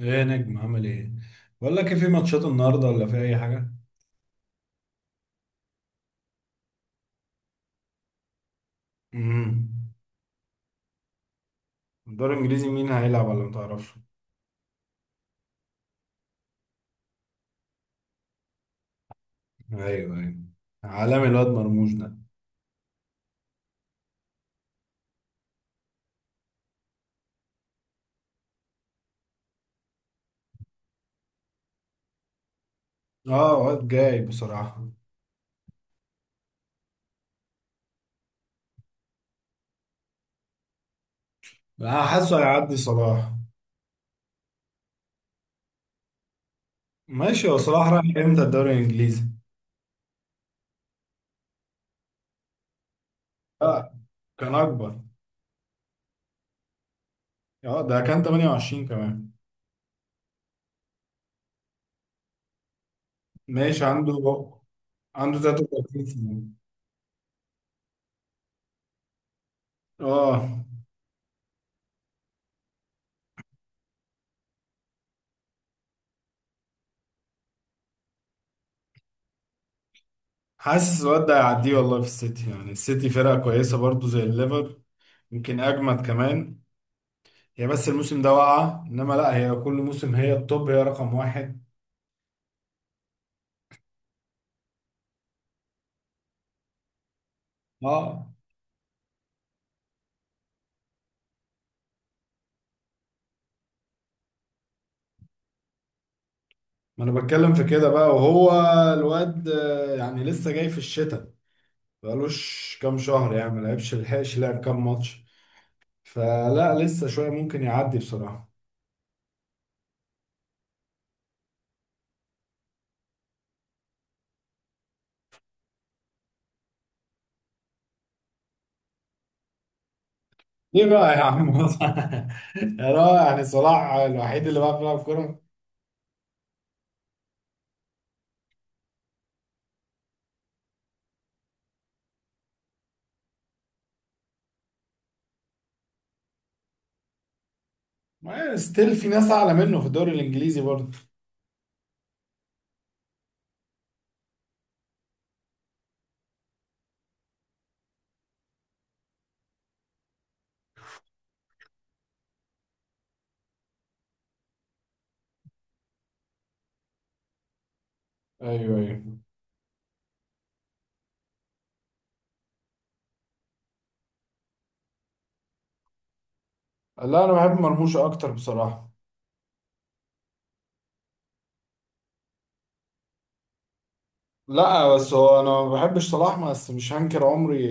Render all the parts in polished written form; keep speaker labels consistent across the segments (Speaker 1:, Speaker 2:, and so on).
Speaker 1: ايه يا نجم، عامل ايه؟ بقول لك ايه، في ماتشات النهارده ولا في اي حاجه؟ امم. الدوري الانجليزي مين هيلعب ولا ما تعرفش؟ ايوه، ايوه. عالمي الواد مرموش ده. اه، واد جاي بصراحه. انا حاسه هيعدي صلاح. ماشي، هو صلاح راح امتى الدوري الانجليزي؟ لا، كان اكبر. اه، ده كان 28 كمان. ماشي، عنده 33 سنه. اه، حاسس الواد ده هيعديه والله، في السيتي، يعني السيتي فرقه كويسه برضه زي الليفر. يمكن اجمد كمان. هي بس الموسم ده واقعة، انما لا، هي كل موسم هي التوب، هي رقم واحد. اه، ما انا بتكلم في كده بقى. وهو الواد يعني لسه جاي في الشتاء. بقالوش كام شهر يعني، ما لعبش، لحقش لعب كام ماتش. فلا، لسه شوية ممكن يعدي بصراحة. ليه بقى يا عم؟ يا رائع، يعني صلاح الوحيد اللي بقى بيلعب كورة؟ ما ستيل في ناس اعلى منه في الدوري الانجليزي برضه. ايوه، ايوه. لا، انا بحب مرموش اكتر بصراحة. لا بس هو انا ما بحبش صلاح، بس مش هنكر عمري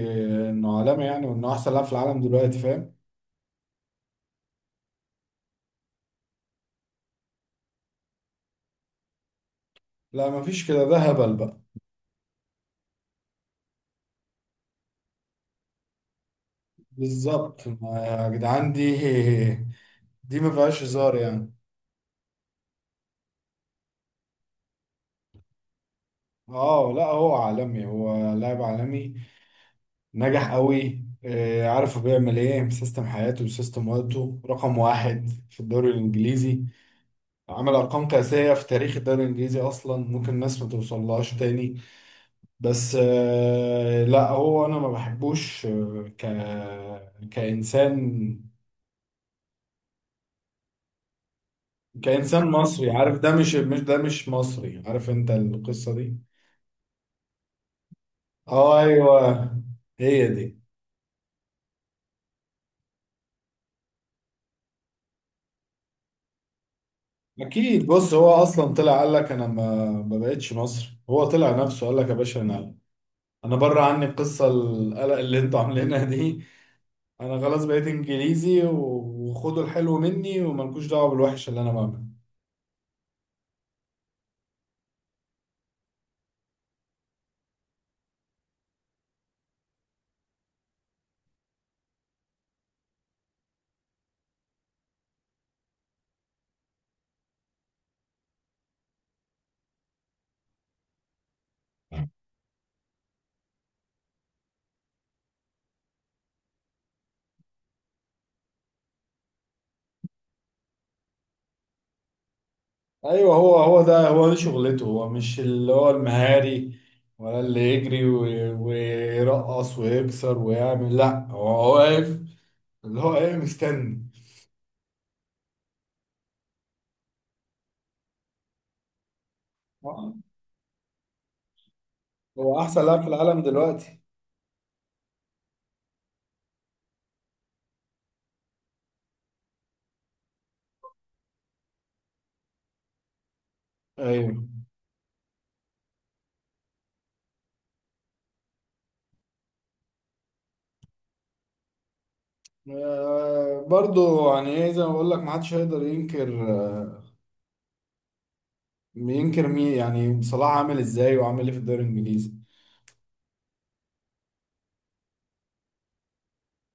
Speaker 1: انه عالمي يعني، وانه احسن لاعب في العالم دلوقتي، فاهم. لا، ما فيش كده، ده هبل بقى. بالظبط. يا جدعان دي دي ما فيهاش هزار يعني. اه لا، هو عالمي، هو لاعب عالمي. نجح قوي عارف، هو بيعمل ايه، سيستم حياته وسيستم وقته رقم واحد في الدوري الانجليزي. عمل ارقام قياسيه في تاريخ الدوري الانجليزي اصلا، ممكن الناس ما توصلهاش تاني. بس لا، هو انا ما بحبوش، آه، ك كانسان. كانسان مصري، عارف، ده مش، مصري، عارف انت القصه دي. اه، ايوه، هي دي. اكيد، بص، هو اصلا طلع قال لك انا ما بقتش مصري. هو طلع نفسه قال لك يا باشا، انا بره عني القصه، القلق اللي انتوا عاملينها دي. انا خلاص بقيت انجليزي، وخدوا الحلو مني وملكوش دعوه بالوحش اللي انا بعمله. ايوه، هو ده. هو دي شغلته. هو مش اللي هو المهاري، ولا اللي يجري ويرقص ويكسر ويعمل. لا، هو واقف، اللي هو ايه، مستني. آه، هو احسن لاعب في العالم دلوقتي. ايوه. آه برضو، يعني ايه، زي ما بقول لك، ما حدش هيقدر ينكر. آه، ينكر مين؟ يعني صلاح عامل ازاي وعامل ايه في الدوري الانجليزي.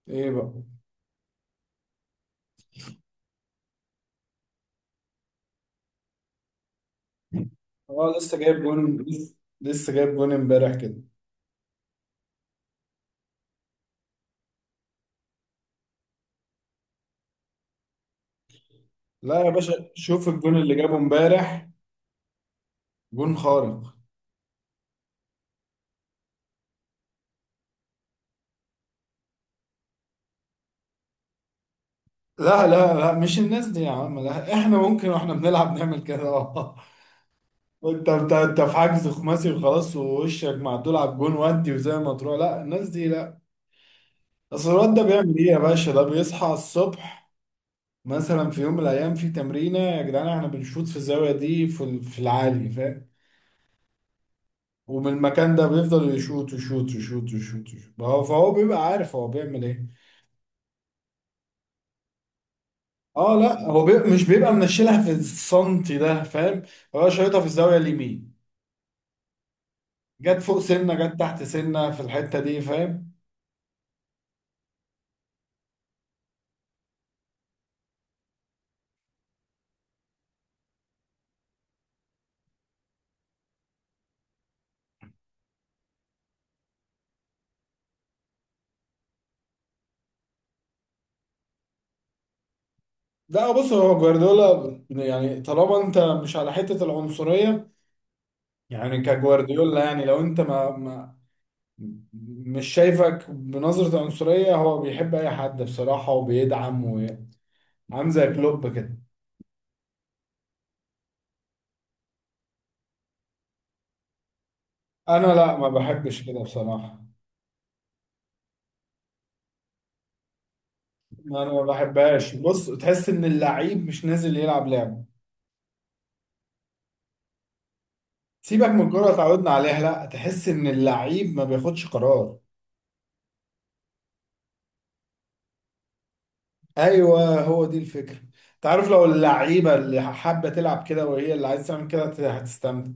Speaker 1: ايه بقى. اه لسه جايب جون، لسه جايب جون امبارح كده. لا يا باشا، شوف الجون اللي جابه امبارح، جون خارق. لا لا لا، مش الناس دي يا عم، لا. احنا ممكن واحنا بنلعب نعمل كده اه. انت في حجز خماسي وخلاص، ووشك معدول على الجون ودي وزي ما تروح، لا الناس دي لا. اصل الواد ده بيعمل ايه يا باشا، ده بيصحى الصبح مثلا في يوم من الايام في تمرينه، يا جدعان احنا بنشوط في الزاويه دي، في العالي، فاهم. ومن المكان ده بيفضل يشوط يشوط يشوط يشوط يشوط. فهو بيبقى عارف هو بيعمل ايه. اه لا، هو مش بيبقى منشلها في السنتي ده، فاهم. هو شايطها في الزاويه اليمين. جت فوق سنه، جت تحت سنه، في الحته دي، فاهم. لا بص، هو جوارديولا يعني، طالما انت مش على حته العنصريه، يعني كجوارديولا يعني، لو انت ما مش شايفك بنظره عنصريه، هو بيحب اي حد بصراحه وبيدعم وعامل زي كلوب كده. انا لا، ما بحبش كده بصراحه. انا ما بحبهاش. بص، تحس ان اللعيب مش نازل يلعب لعب. سيبك من الكوره اتعودنا عليها، لا، تحس ان اللعيب ما بياخدش قرار. ايوه، هو دي الفكره. انت عارف، لو اللعيبه اللي حابه تلعب كده، وهي اللي عايز تعمل كده، هتستمتع.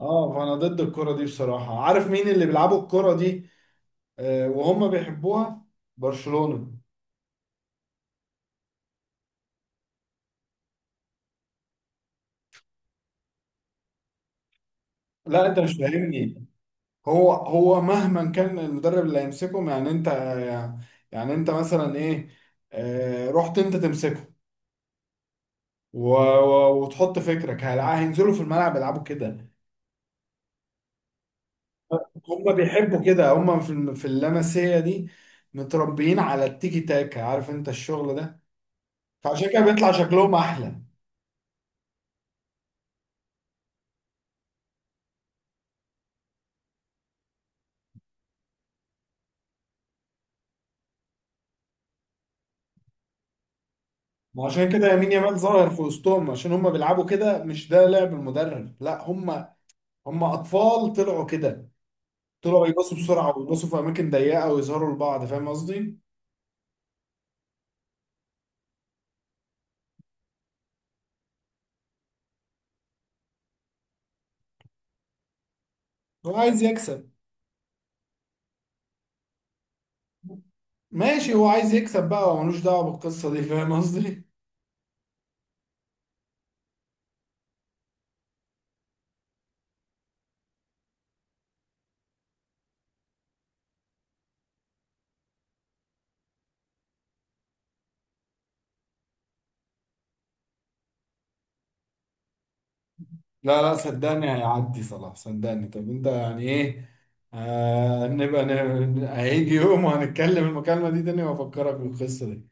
Speaker 1: اه، فانا ضد الكره دي بصراحه. عارف مين اللي بيلعبوا الكره دي وهم بيحبوها؟ برشلونه. لا انت مش فاهمني. هو مهما كان المدرب اللي هيمسكهم، يعني انت، يعني انت مثلا ايه، رحت انت تمسكه وتحط فكرك، هينزلوا في الملعب يلعبوا كده؟ هم بيحبوا كده، هم في اللمسيه دي، متربيين على التيكي تاكا، عارف انت الشغل ده. فعشان كده بيطلع شكلهم احلى. وعشان كده يمين يامال ظاهر في وسطهم، عشان هم بيلعبوا كده، مش ده لعب المدرب، لا، هم اطفال طلعوا كده. طلعوا يباصوا بسرعه، ويباصوا في اماكن ضيقه، ويظهروا لبعض، فاهم قصدي. هو عايز يكسب. ماشي، هو عايز يكسب بقى، هو ملوش دعوه بالقصه دي، فاهم قصدي. لا لا، صدقني هيعدي صلاح، صدقني. طب انت يعني ايه، آه، نبقى هيجي يوم وهنتكلم المكالمة دي تاني وافكرك بالقصة دي.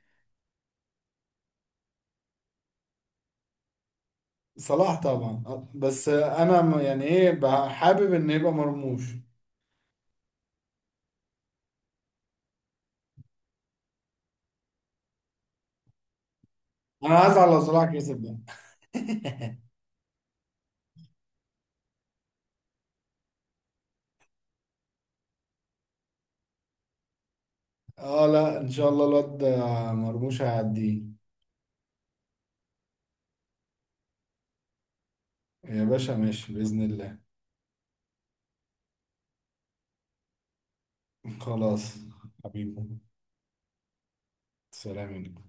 Speaker 1: صلاح طبعا. بس انا يعني ايه بقى، حابب ان يبقى مرموش. انا هزعل لو صلاح كسب ده. اه لا، ان شاء الله الواد مرموش هيعديه. يا باشا ماشي، بإذن الله. خلاص. حبيبي. سلام عليكم.